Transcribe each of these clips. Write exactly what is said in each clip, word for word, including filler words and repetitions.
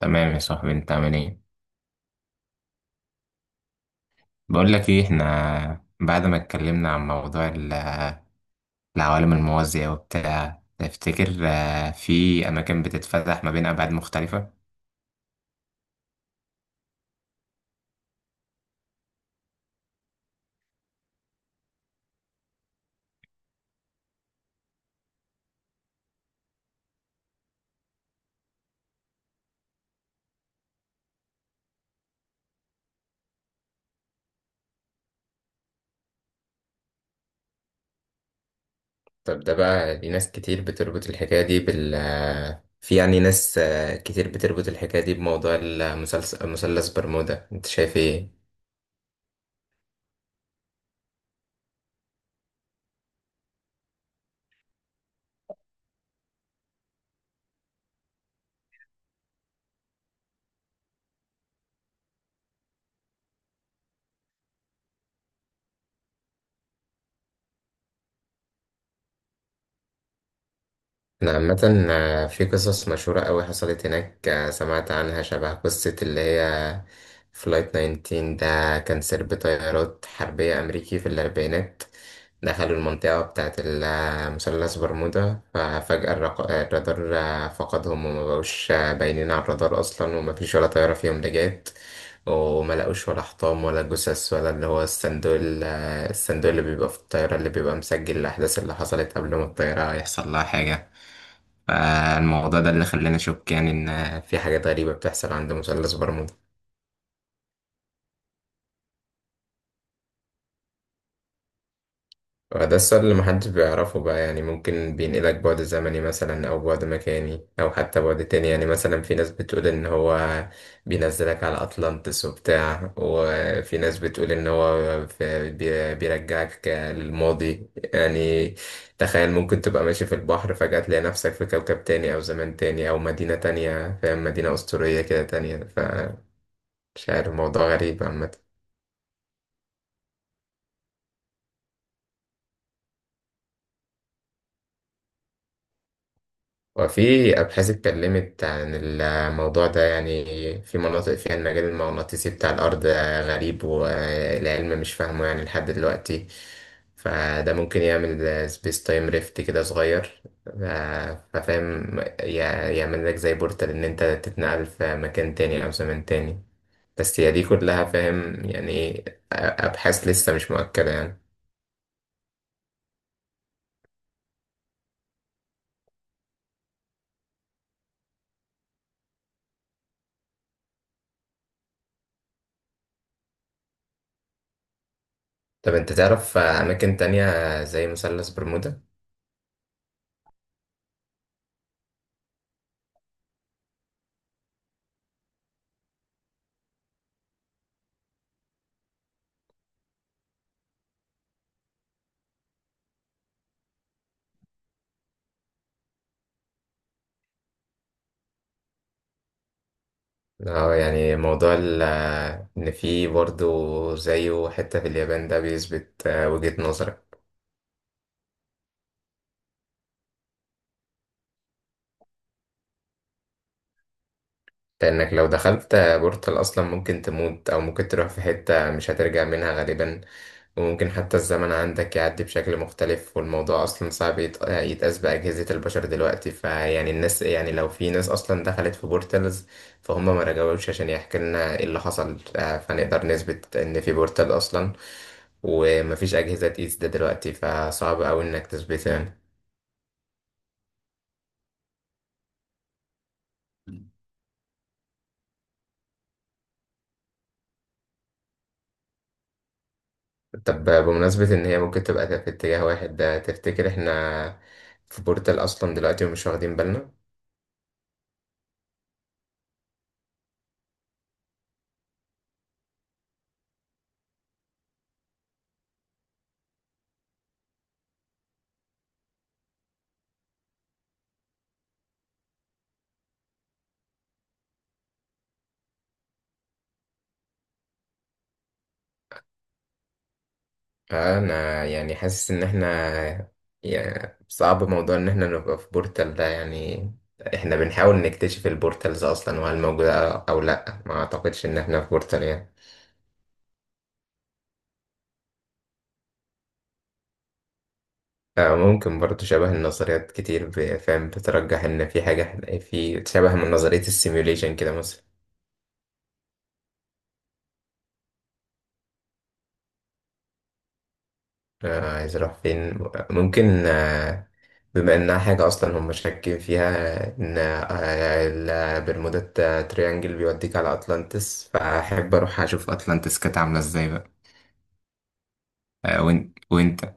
تمام يا صاحبي، انت عامل ايه؟ بقول لك ايه، احنا بعد ما اتكلمنا عن موضوع ال- العوالم الموازية وبتاع، تفتكر آه، في اماكن بتتفتح ما بين ابعاد مختلفة؟ طب ده بقى، دي ناس كتير بتربط الحكاية دي بال في يعني ناس آه، كتير بتربط الحكاية دي بموضوع المثلث، مثلث برمودا، انت شايف ايه؟ أنا عامة آه، في قصص مشهورة أوي حصلت هناك، آه، سمعت عنها، شبه قصة اللي هي فلايت تسعة عشر. ده كان سرب طيارات حربية أمريكي في الأربعينات، دخلوا المنطقة بتاعة ال- آه، مثلث برمودا، ففجأة الرق- آه، الرادار آه، فقدهم، وما بقوش آه، باينين على الرادار أصلا، ومفيش ولا طيارة فيهم رجعت، وما لقوش ولا حطام ولا جثث ولا اللي هو الصندوق ال- آه، الصندوق اللي بيبقى في الطيارة، اللي بيبقى مسجل الأحداث اللي حصلت قبل ما الطيارة يحصل لها حاجة. فالموضوع ده اللي خلاني أشك يعني، إن في حاجات غريبة بتحصل عند مثلث برمودا. وده السؤال اللي محدش بيعرفه بقى، يعني ممكن بينقلك بعد زمني مثلا، أو بعد مكاني، أو حتى بعد تاني. يعني مثلا في ناس بتقول إن هو بينزلك على أطلانتس وبتاع، وفي ناس بتقول إن هو في- بي- بيرجعك للماضي يعني. تخيل، ممكن تبقى ماشي في البحر فجأة تلاقي نفسك في كوكب تاني، أو زمان تاني، أو مدينة تانية، فاهم، مدينة أسطورية كده تانية. مش عارف، موضوع غريب عامة. وفي أبحاث اتكلمت عن الموضوع ده، يعني في مناطق فيها المجال المغناطيسي بتاع الأرض غريب والعلم مش فاهمه يعني لحد دلوقتي. فده ممكن يعمل سبيس تايم ريفت كده صغير، ف- ففاهم، يع- يعمل لك زي بورتال، إن أنت تتنقل في مكان تاني أو زمن تاني. بس هي دي كلها، فاهم يعني إيه، أبحاث لسه مش مؤكدة يعني. طب أنت تعرف أماكن تانية زي مثلث برمودا؟ اه، يعني موضوع ال- آه، ان في برضه زيه حتة في اليابان ده بيثبت آه، وجهة نظرك. لأنك لو دخلت بورتال أصلا ممكن تموت، أو ممكن تروح في حتة مش هترجع منها غالبا. وممكن حتى الزمن عندك يعدي بشكل مختلف، والموضوع أصلا صعب يت- يتقاس بأجهزة البشر دلوقتي. فيعني الناس، يعني لو في ناس أصلا دخلت في بورتالز، فهم ما رجعوش عشان يحكي لنا إيه اللي حصل، آه، فنقدر نثبت إن في بورتال أصلا. ومفيش أجهزة تقيس ده دلوقتي، فصعب أوي إنك تثبته يعني. طب بمناسبة إن هي ممكن تبقى في اتجاه واحد ده، تفتكر إحنا في بورتال أصلا دلوقتي ومش واخدين بالنا؟ آه، أنا يعني حاسس إن إحنا، يعني صعب موضوع إن إحنا نبقى في بورتال ده يعني. إحنا بنحاول نكتشف البورتالز أصلا وهل موجودة أو لأ، ما أعتقدش إن إحنا في بورتال يعني. آه، ممكن برضه، شبه النظريات كتير ب- فاهم بترجح إن في حاجة، في شبه من نظرية السيميوليشن كده. آه، عايز اروح فين؟ ممكن آه، بما انها حاجة اصلا هم شاكين فيها، ان آه، البرمودا تريانجل بيوديك على اطلانتس، فاحب اروح اشوف اطلانتس كانت عاملة ازاي بقى. آه، وإن- وانت.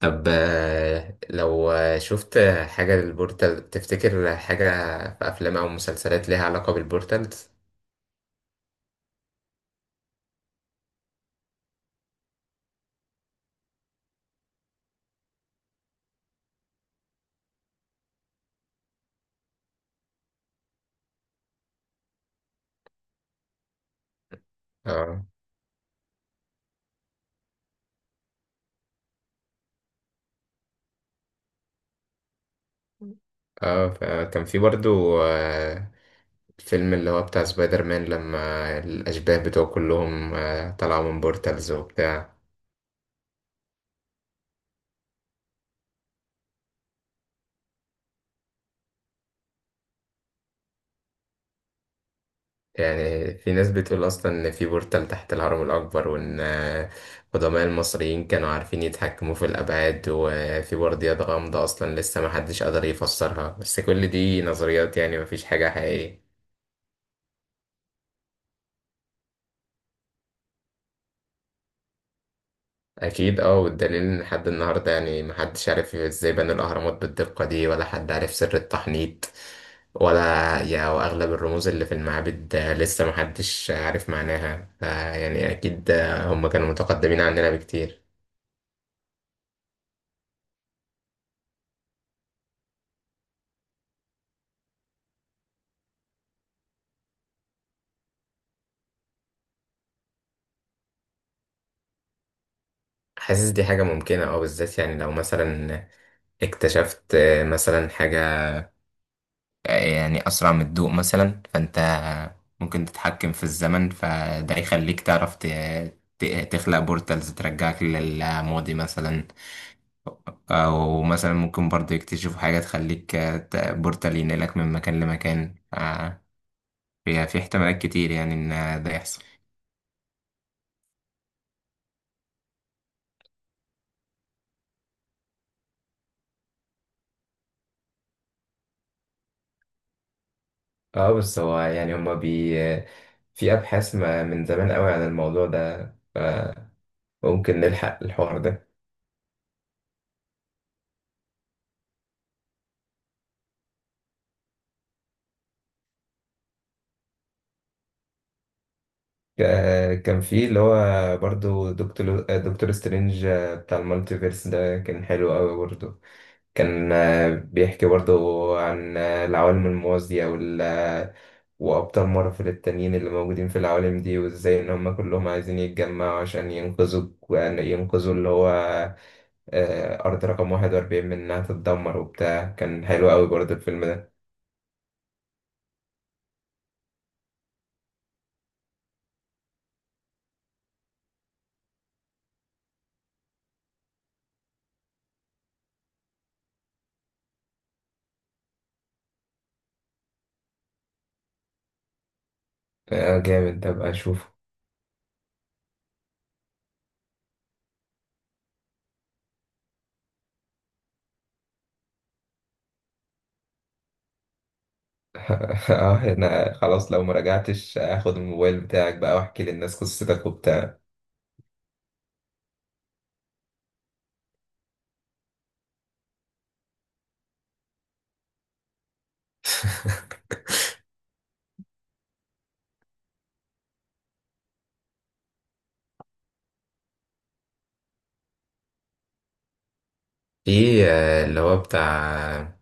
طب آه، لو آه، شفت حاجة للبورتال، تفتكر حاجة في افلام او مسلسلات ليها علاقة بالبورتالز؟ اه. اه، فكان في برضو آه، الفيلم اللي هو بتاع سبايدر مان، لما الأشباه بتوعه كلهم آه، طلعوا من بورتالز وبتاع. يعني في ناس بتقول أصلا إن في بورتال تحت الهرم الأكبر، وإن آه، قدماء المصريين كانوا عارفين يتحكموا في الأبعاد، وفي برديات غامضة أصلا لسه محدش قدر يفسرها، بس كل دي نظريات يعني، مفيش حاجة حقيقية. اكيد اه، والدليل ان لحد النهارده يعني محدش عارف ازاي بنوا الاهرامات بالدقه دي، ولا حد عارف سر التحنيط، ولا يا واغلب الرموز اللي في المعابد، آه، لسه محدش عارف معناها. فيعني اكيد آه، هم كانوا متقدمين عننا بكتير. حاسس دي حاجه ممكنه اه، بالذات يعني لو مثلا اكتشفت آه، مثلا حاجه آه، يعني اسرع من الضوء مثلا، فانت ممكن تتحكم في الزمن، فده يخليك تعرف ت- ت- تخلق بورتالز ترجعك للماضي مثلا. أو مثلا ممكن برضه يكتشفوا حاجة تخليك، آه، ت- بورتال ينقلك من مكان لمكان، آه، في في احتمالات كتير يعني إن ده يحصل. اه بس هو يعني هما بي، في أبحاث ما من زمان قوي عن الموضوع ده، فممكن نلحق الحوار ده. ك- كان في اللي هو برضو دكتور دكتور سترينج، بتاع المالتيفيرس ده، كان حلو قوي برضو. كان بيحكي برضو عن العوالم الموازية وأبطال مارفل التانيين اللي موجودين في العوالم دي، وإزاي إن هما كلهم عايزين يتجمعوا عشان ينقذوا، يعني ينقذوا اللي هو آه، أرض رقم واحد وأربعين من إنها تتدمر وبتاع. كان حلو أوي برضه الفيلم ده. آه، جامد، أبقى أشوفه. اه أنا خلاص، لو مراجعتش هاخد الموبايل بتاعك بقى واحكي للناس قصتك وبتاع. في آه، اللي هو بتاع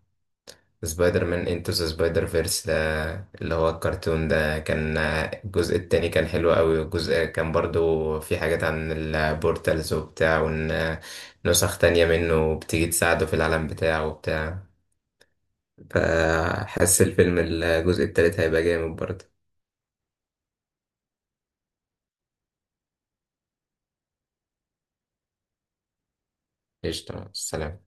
سبايدر مان انتو ذا سبايدر فيرس ده، اللي هو الكرتون ده، كان الجزء التاني كان حلو قوي. والجزء كان برضو في حاجات عن البورتالز وبتاع، وان نسخ تانية منه بتيجي تساعده في العالم بتاعه وبتاع. فحس الفيلم الجزء التالت هيبقى جامد برضه. قشطة، السلام.